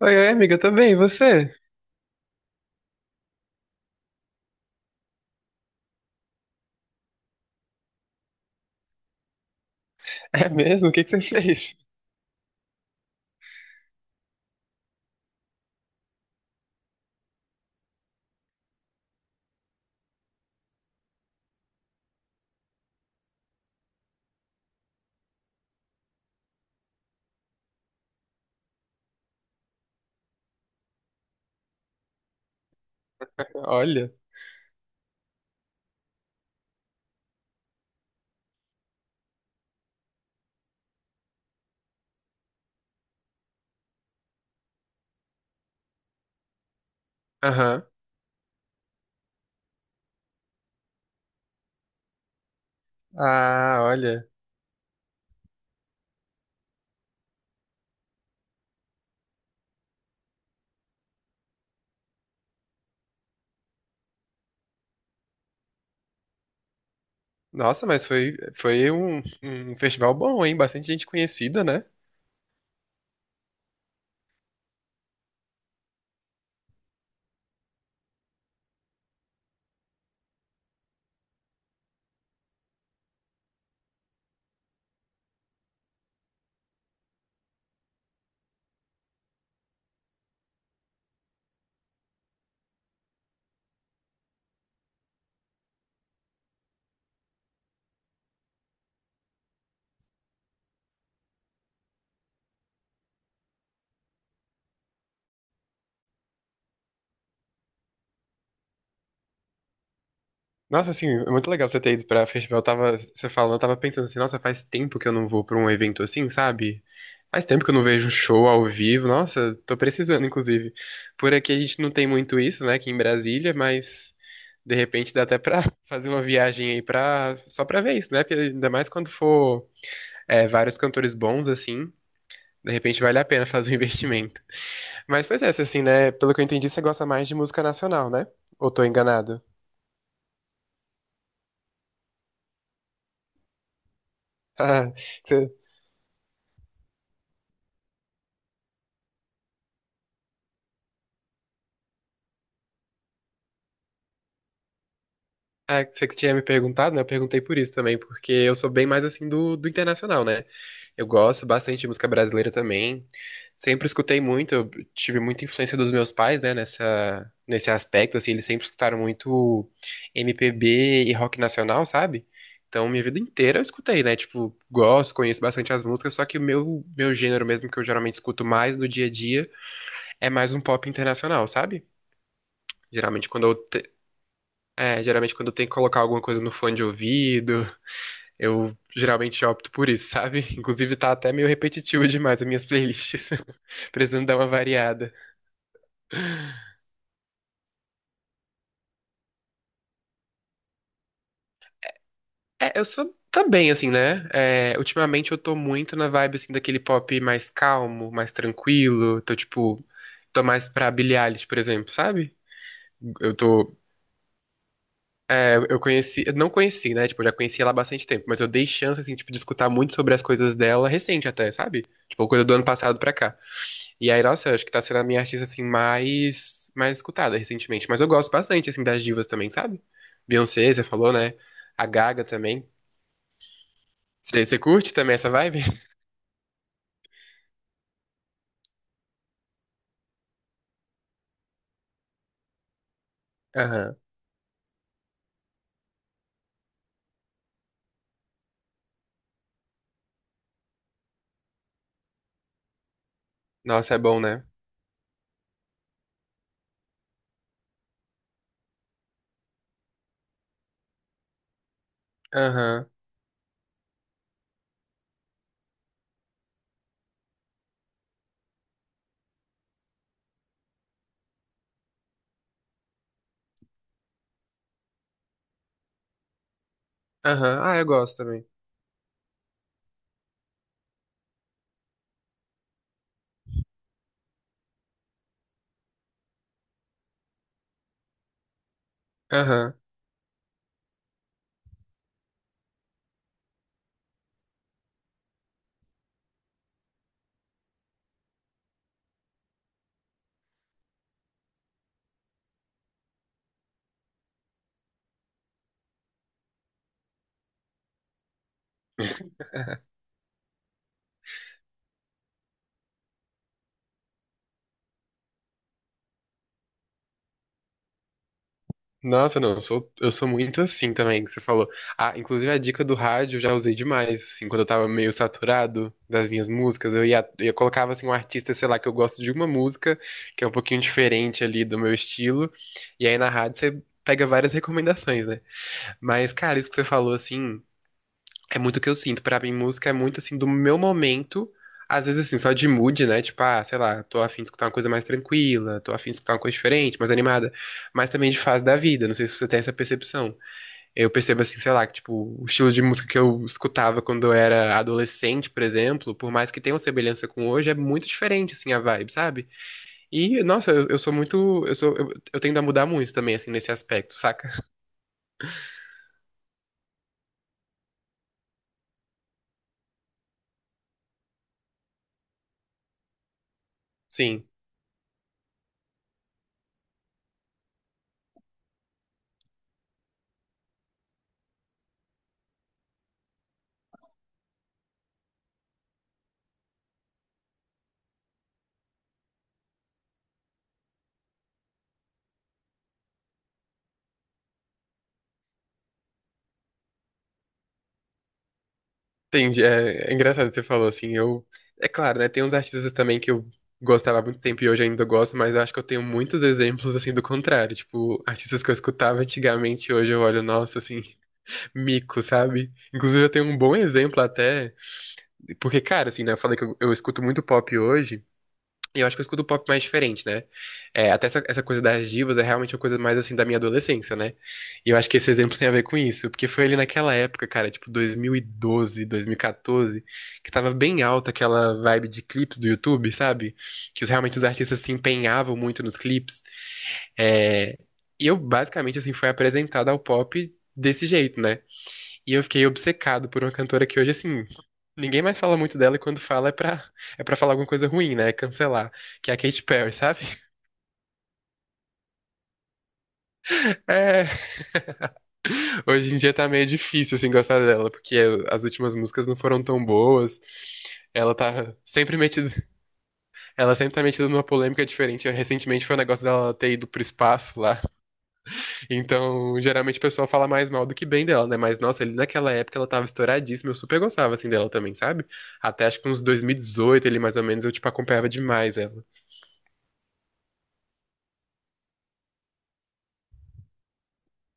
Oi, amiga, tá bem? E você? É mesmo? O que que você fez? Olha. Aham. Ah, olha. Nossa, mas foi, um festival bom, hein? Bastante gente conhecida, né? Nossa, assim, é muito legal você ter ido pra festival. Eu tava, você falando, eu tava pensando assim, nossa, faz tempo que eu não vou pra um evento assim, sabe? Faz tempo que eu não vejo um show ao vivo. Nossa, tô precisando, inclusive. Por aqui a gente não tem muito isso, né? Aqui em Brasília, mas de repente dá até pra fazer uma viagem aí pra, só pra ver isso, né? Porque ainda mais quando for. Vários cantores bons, assim. De repente vale a pena fazer um investimento. Mas, pois é, assim, né? Pelo que eu entendi, você gosta mais de música nacional, né? Ou tô enganado? Ah, você- é, você que tinha me perguntado, né? Eu perguntei por isso também, porque eu sou bem mais assim do internacional, né? Eu gosto bastante de música brasileira também. Sempre escutei muito, eu tive muita influência dos meus pais, né? Nessa, nesse aspecto, assim, eles sempre escutaram muito MPB e rock nacional, sabe? Então, minha vida inteira eu escutei, né? Tipo, gosto, conheço bastante as músicas, só que o meu, meu gênero mesmo, que eu geralmente escuto mais no dia a dia, é mais um pop internacional, sabe? Geralmente, geralmente quando eu tenho que colocar alguma coisa no fone de ouvido, eu geralmente opto por isso, sabe? Inclusive tá até meio repetitivo demais as minhas playlists. Precisando dar uma variada. É, eu sou também, assim, né? É, ultimamente eu tô muito na vibe, assim, daquele pop mais calmo, mais tranquilo. Tô, tipo, tô mais pra Billie Eilish, por exemplo, sabe? Eu tô. Eu conheci. Eu não conheci, né? Tipo, eu já conheci ela há bastante tempo, mas eu dei chance, assim, tipo, de escutar muito sobre as coisas dela recente até, sabe? Tipo, coisa do ano passado pra cá. E aí, nossa, eu acho que tá sendo a minha artista, assim, mais, mais escutada recentemente. Mas eu gosto bastante, assim, das divas também, sabe? Beyoncé, você falou, né? A Gaga também. Você curte também essa vibe? Aham. Nossa, é bom, né? Aham. Aham. Ah, eu gosto também. Aham. Nossa, não, eu sou muito assim também, que você falou. Ah, inclusive a dica do rádio eu já usei demais, assim, quando eu tava meio saturado das minhas músicas, eu ia, eu colocava, assim, um artista, sei lá, que eu gosto de uma música, que é um pouquinho diferente ali do meu estilo, e aí na rádio você pega várias recomendações, né? Mas, cara, isso que você falou, assim, é muito o que eu sinto. Pra mim, música é muito assim do meu momento. Às vezes, assim, só de mood, né? Tipo, ah, sei lá, tô afim de escutar uma coisa mais tranquila, tô afim de escutar uma coisa diferente, mais animada. Mas também de fase da vida. Não sei se você tem essa percepção. Eu percebo, assim, sei lá, que, tipo, o estilo de música que eu escutava quando eu era adolescente, por exemplo, por mais que tenha uma semelhança com hoje, é muito diferente, assim, a vibe, sabe? E, nossa, eu sou muito. Eu sou, eu tendo a mudar muito também, assim, nesse aspecto, saca? Sim. Entendi. É, é engraçado que você falou assim. Eu, é claro, né? Tem uns artistas também que eu gostava há muito tempo e hoje ainda gosto, mas acho que eu tenho muitos exemplos assim do contrário. Tipo, artistas que eu escutava antigamente, hoje eu olho, nossa, assim, mico, sabe? Inclusive eu tenho um bom exemplo até, porque, cara, assim, né? Eu falei que eu escuto muito pop hoje. E eu acho que eu escuto pop mais diferente, né? É, até essa, essa coisa das divas é realmente uma coisa mais assim da minha adolescência, né? E eu acho que esse exemplo tem a ver com isso, porque foi ali naquela época, cara, tipo 2012, 2014, que tava bem alta aquela vibe de clipes do YouTube, sabe? Realmente os artistas se empenhavam muito nos clipes. É, e eu basicamente assim fui apresentado ao pop desse jeito, né? E eu fiquei obcecado por uma cantora que hoje, assim, ninguém mais fala muito dela e quando fala é é pra falar alguma coisa ruim, né? É cancelar. Que é a Katy Perry, sabe? É, hoje em dia tá meio difícil, assim, gostar dela, porque as últimas músicas não foram tão boas. Ela tá sempre metida, ela sempre tá metida numa polêmica diferente. Recentemente foi o negócio dela ter ido pro espaço lá. Então, geralmente o pessoal fala mais mal do que bem dela, né? Mas, nossa, ali naquela época ela tava estouradíssima, eu super gostava, assim, dela também, sabe? Até acho que uns 2018 ali, mais ou menos, eu, tipo, acompanhava demais ela.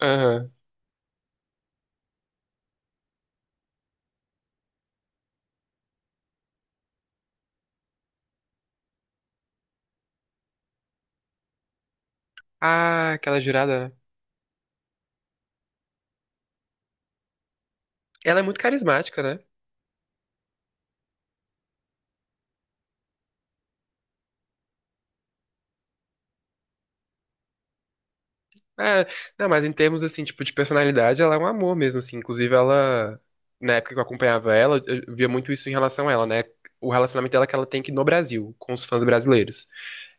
Aham. Ah, aquela jurada, né? Ela é muito carismática, né? É, não, mas em termos, assim, tipo, de personalidade, ela é um amor mesmo, assim. Inclusive, ela, na época que eu acompanhava ela, eu via muito isso em relação a ela, né? O relacionamento dela é que ela tem aqui no Brasil, com os fãs brasileiros.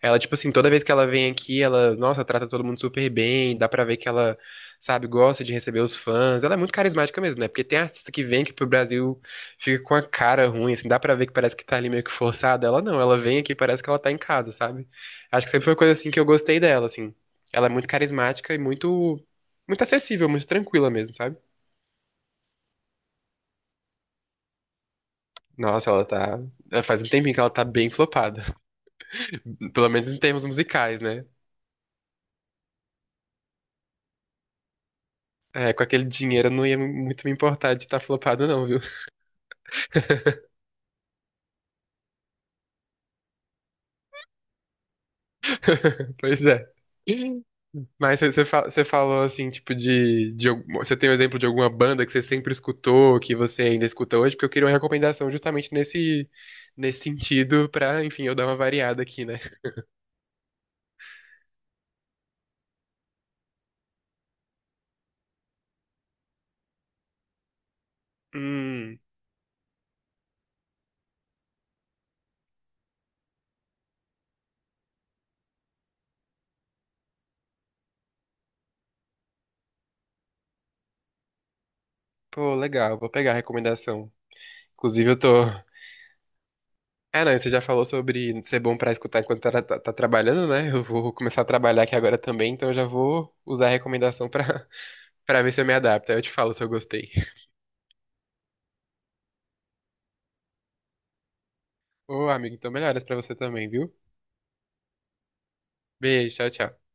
Ela, tipo assim, toda vez que ela vem aqui, ela, nossa, trata todo mundo super bem, dá pra ver que ela, sabe, gosta de receber os fãs. Ela é muito carismática mesmo, né? Porque tem artista que vem aqui pro Brasil, fica com a cara ruim, assim, dá pra ver que parece que tá ali meio que forçada. Ela não, ela vem aqui, parece que ela tá em casa, sabe? Acho que sempre foi uma coisa, assim, que eu gostei dela, assim. Ela é muito carismática e muito, muito acessível, muito tranquila mesmo, sabe? Nossa, ela tá. Faz um tempinho que ela tá bem flopada. Pelo menos em termos musicais, né? É, com aquele dinheiro eu não ia muito me importar de estar flopado, não, viu? Pois é. Mas você falou assim, tipo, você tem um exemplo de alguma banda que você sempre escutou, que você ainda escuta hoje? Porque eu queria uma recomendação justamente nesse, nesse sentido, pra, enfim, eu dar uma variada aqui, né? Hum, pô, legal, vou pegar a recomendação. Inclusive, eu tô, Ah, não, você já falou sobre ser bom pra escutar enquanto tá, tá trabalhando, né? Eu vou começar a trabalhar aqui agora também, então eu já vou usar a recomendação pra, pra ver se eu me adapto. Aí eu te falo se eu gostei. Ô, amigo, então melhoras pra você também, viu? Beijo, tchau, tchau.